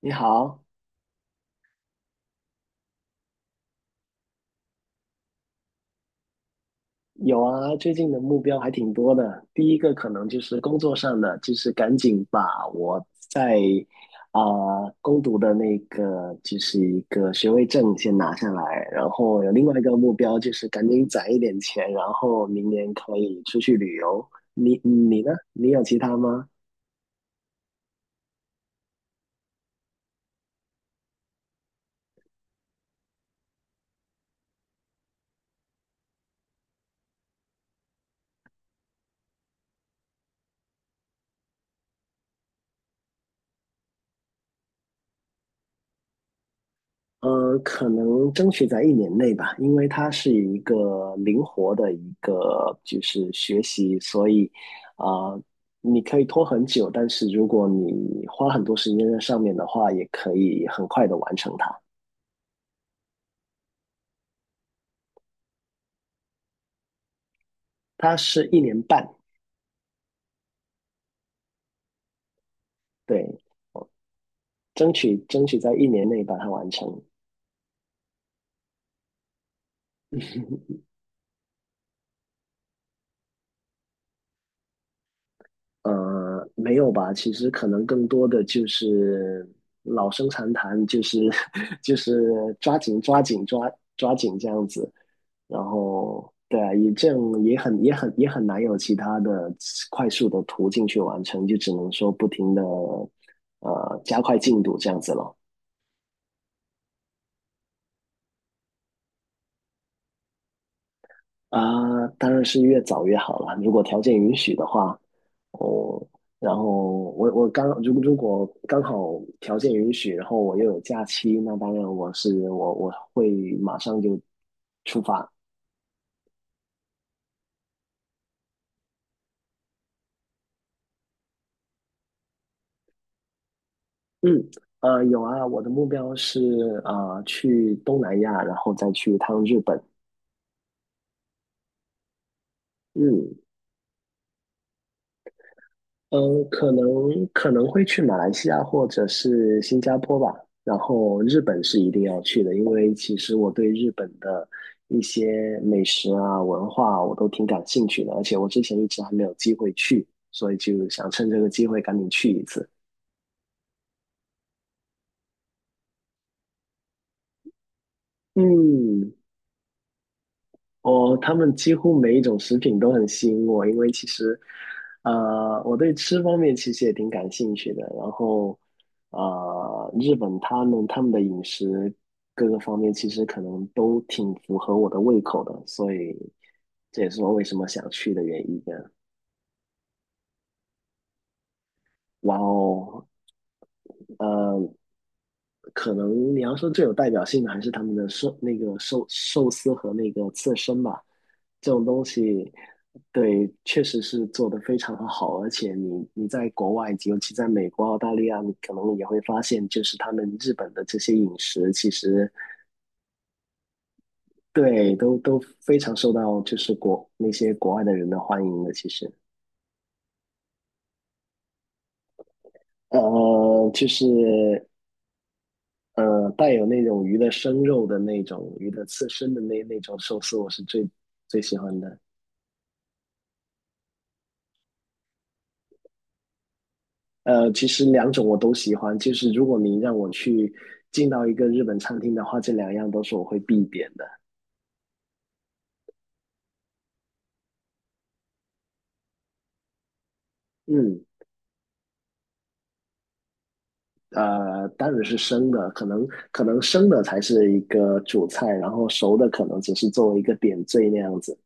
你好，有啊，最近的目标还挺多的。第一个可能就是工作上的，就是赶紧把我在啊、攻读的那个就是一个学位证先拿下来，然后有另外一个目标就是赶紧攒一点钱，然后明年可以出去旅游。你呢？你有其他吗？可能争取在一年内吧，因为它是一个灵活的一个就是学习，所以啊、呃你可以拖很久，但是如果你花很多时间在上面的话，也可以很快的完成它。它是一年半，对，争取在一年内把它完成。没有吧？其实可能更多的就是老生常谈，就是 就是抓紧抓紧抓抓紧这样子。然后，对啊，也这样也很难有其他的快速的途径去完成，就只能说不停的加快进度这样子了。啊，当然是越早越好了。如果条件允许的话，哦，然后我如果刚好条件允许，然后我又有假期，那当然我是我我会马上就出发。嗯，有啊，我的目标是啊，去东南亚，然后再去一趟日本。嗯。嗯，可能会去马来西亚或者是新加坡吧，然后日本是一定要去的，因为其实我对日本的一些美食啊、文化啊我都挺感兴趣的，而且我之前一直还没有机会去，所以就想趁这个机会赶紧去一次。嗯，哦，他们几乎每一种食品都很吸引我，因为其实，我对吃方面其实也挺感兴趣的。然后，日本他们的饮食各个方面其实可能都挺符合我的胃口的，所以这也是我为什么想去的原因。哇哦，呃可能你要说最有代表性的还是他们的寿司和那个刺身吧，这种东西，对，确实是做得非常的好，而且你在国外，尤其在美国、澳大利亚，你可能也会发现，就是他们日本的这些饮食，其实对都非常受到就是那些国外的人的欢迎的，其实。就是带有那种鱼的生肉的那种鱼的刺身的那种寿司，我是最喜欢的。其实两种我都喜欢，就是如果你让我去进到一个日本餐厅的话，这两样都是我会必点的。嗯，当然是生的，可能生的才是一个主菜，然后熟的可能只是作为一个点缀那样子。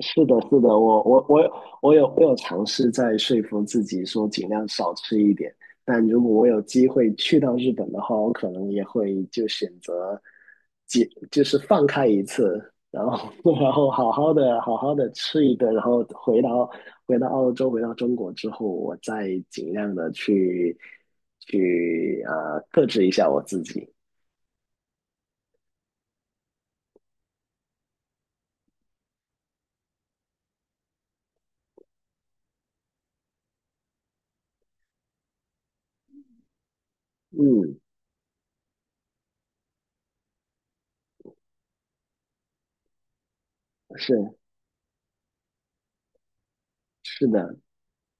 是的，是的，我有尝试在说服自己说尽量少吃一点，但如果我有机会去到日本的话，我可能也会就选择，就是放开一次，然后 然后好好的吃一顿，然后回到澳洲回到中国之后，我再尽量的去克制一下我自己。嗯，是是的，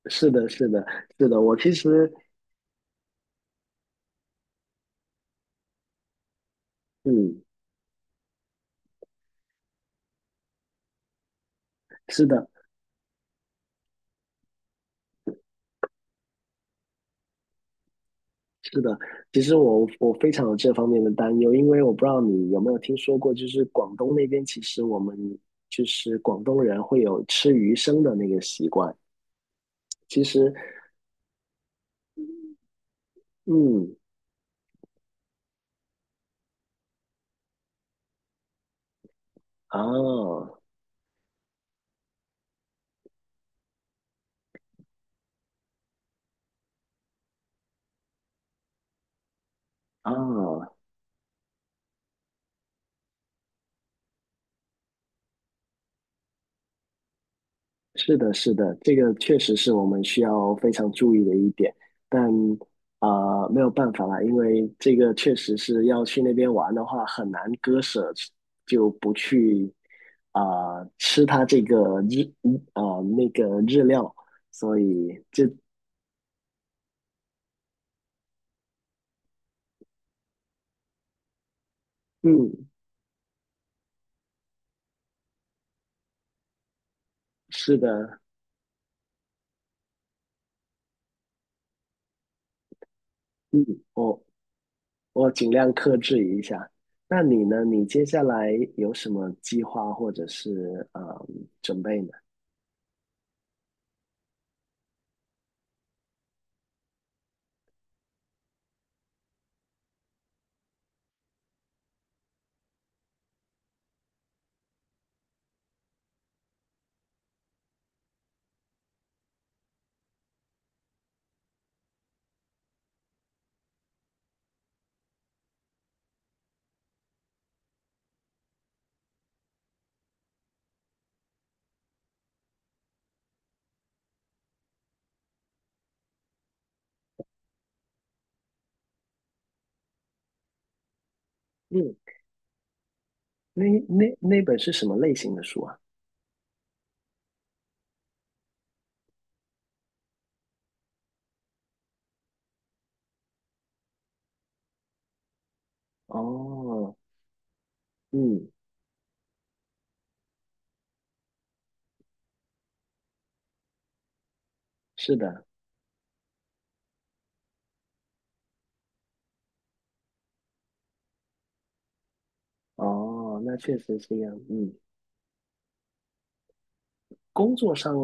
是的，是的，是的，我其实嗯。是的。是的，其实我非常有这方面的担忧，因为我不知道你有没有听说过，就是广东那边其实我们就是广东人会有吃鱼生的那个习惯。其实，嗯，啊啊，是的，是的，这个确实是我们需要非常注意的一点，但没有办法啦，因为这个确实是要去那边玩的话，很难割舍，就不去啊、吃它这个日啊、呃那个日料，所以嗯是的，嗯我我尽量克制一下。那你呢？你接下来有什么计划或者是准备呢？嗯。那本是什么类型的书啊？哦，嗯，是的，哦，那确实是这样，嗯，工作上，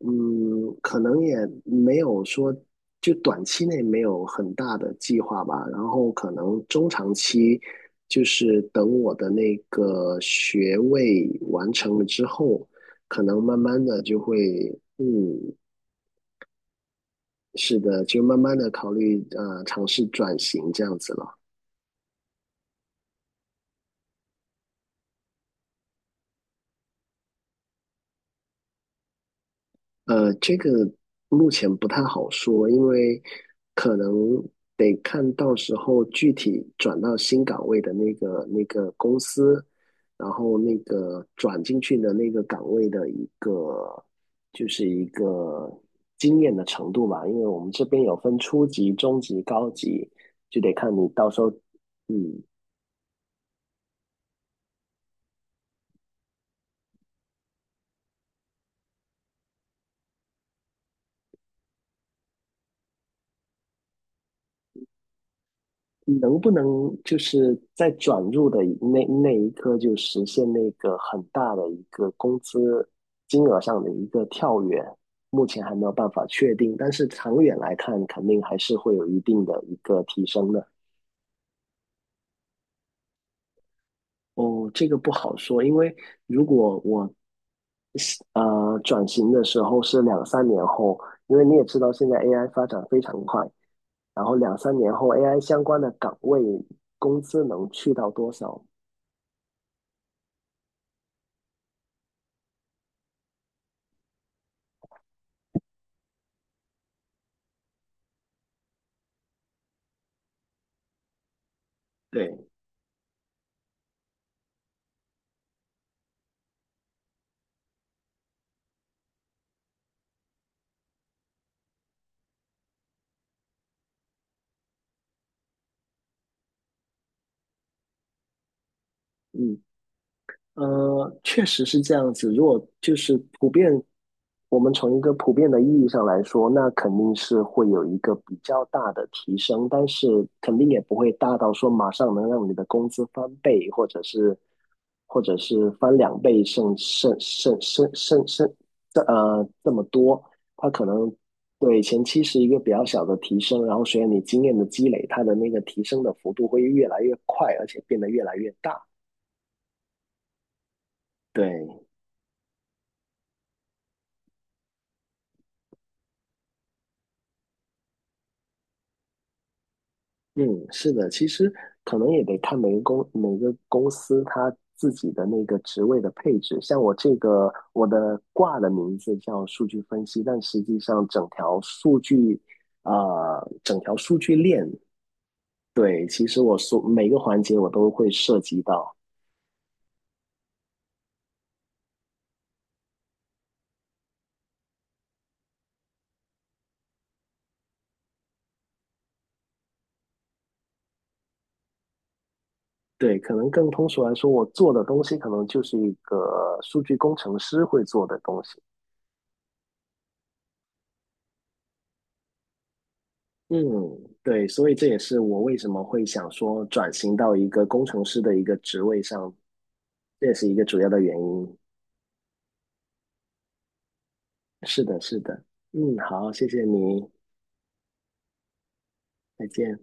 嗯，可能也没有说，就短期内没有很大的计划吧，然后可能中长期，就是等我的那个学位完成了之后，可能慢慢的就会，嗯，是的，就慢慢的考虑，尝试转型这样子了。这个目前不太好说，因为可能得看到时候具体转到新岗位的那个公司，然后那个转进去的那个岗位的一个就是一个经验的程度吧，因为我们这边有分初级、中级、高级，就得看你到时候，嗯，能不能就是在转入的那一刻就实现那个很大的一个工资金额上的一个跳跃？目前还没有办法确定，但是长远来看，肯定还是会有一定的一个提升的。哦，这个不好说，因为如果我转型的时候是两三年后，因为你也知道现在 AI 发展非常快，然后两三年后 AI 相关的岗位工资能去到多少？对，嗯。确实是这样子。如果就是普遍，我们从一个普遍的意义上来说，那肯定是会有一个比较大的提升，但是肯定也不会大到说马上能让你的工资翻倍，或者是翻两倍，甚甚甚甚甚甚这么多。它可能对前期是一个比较小的提升，然后随着你经验的积累，它的那个提升的幅度会越来越快，而且变得越来越大。对。嗯，是的，其实可能也得看每个公司它自己的那个职位的配置。像我这个，我的挂的名字叫数据分析，但实际上啊，整条数据链，对，其实我所每个环节我都会涉及到。对，可能更通俗来说，我做的东西可能就是一个数据工程师会做的东西。嗯，对，所以这也是我为什么会想说转型到一个工程师的一个职位上，这也是一个主要的原因。是的，是的。嗯，好，谢谢你，再见。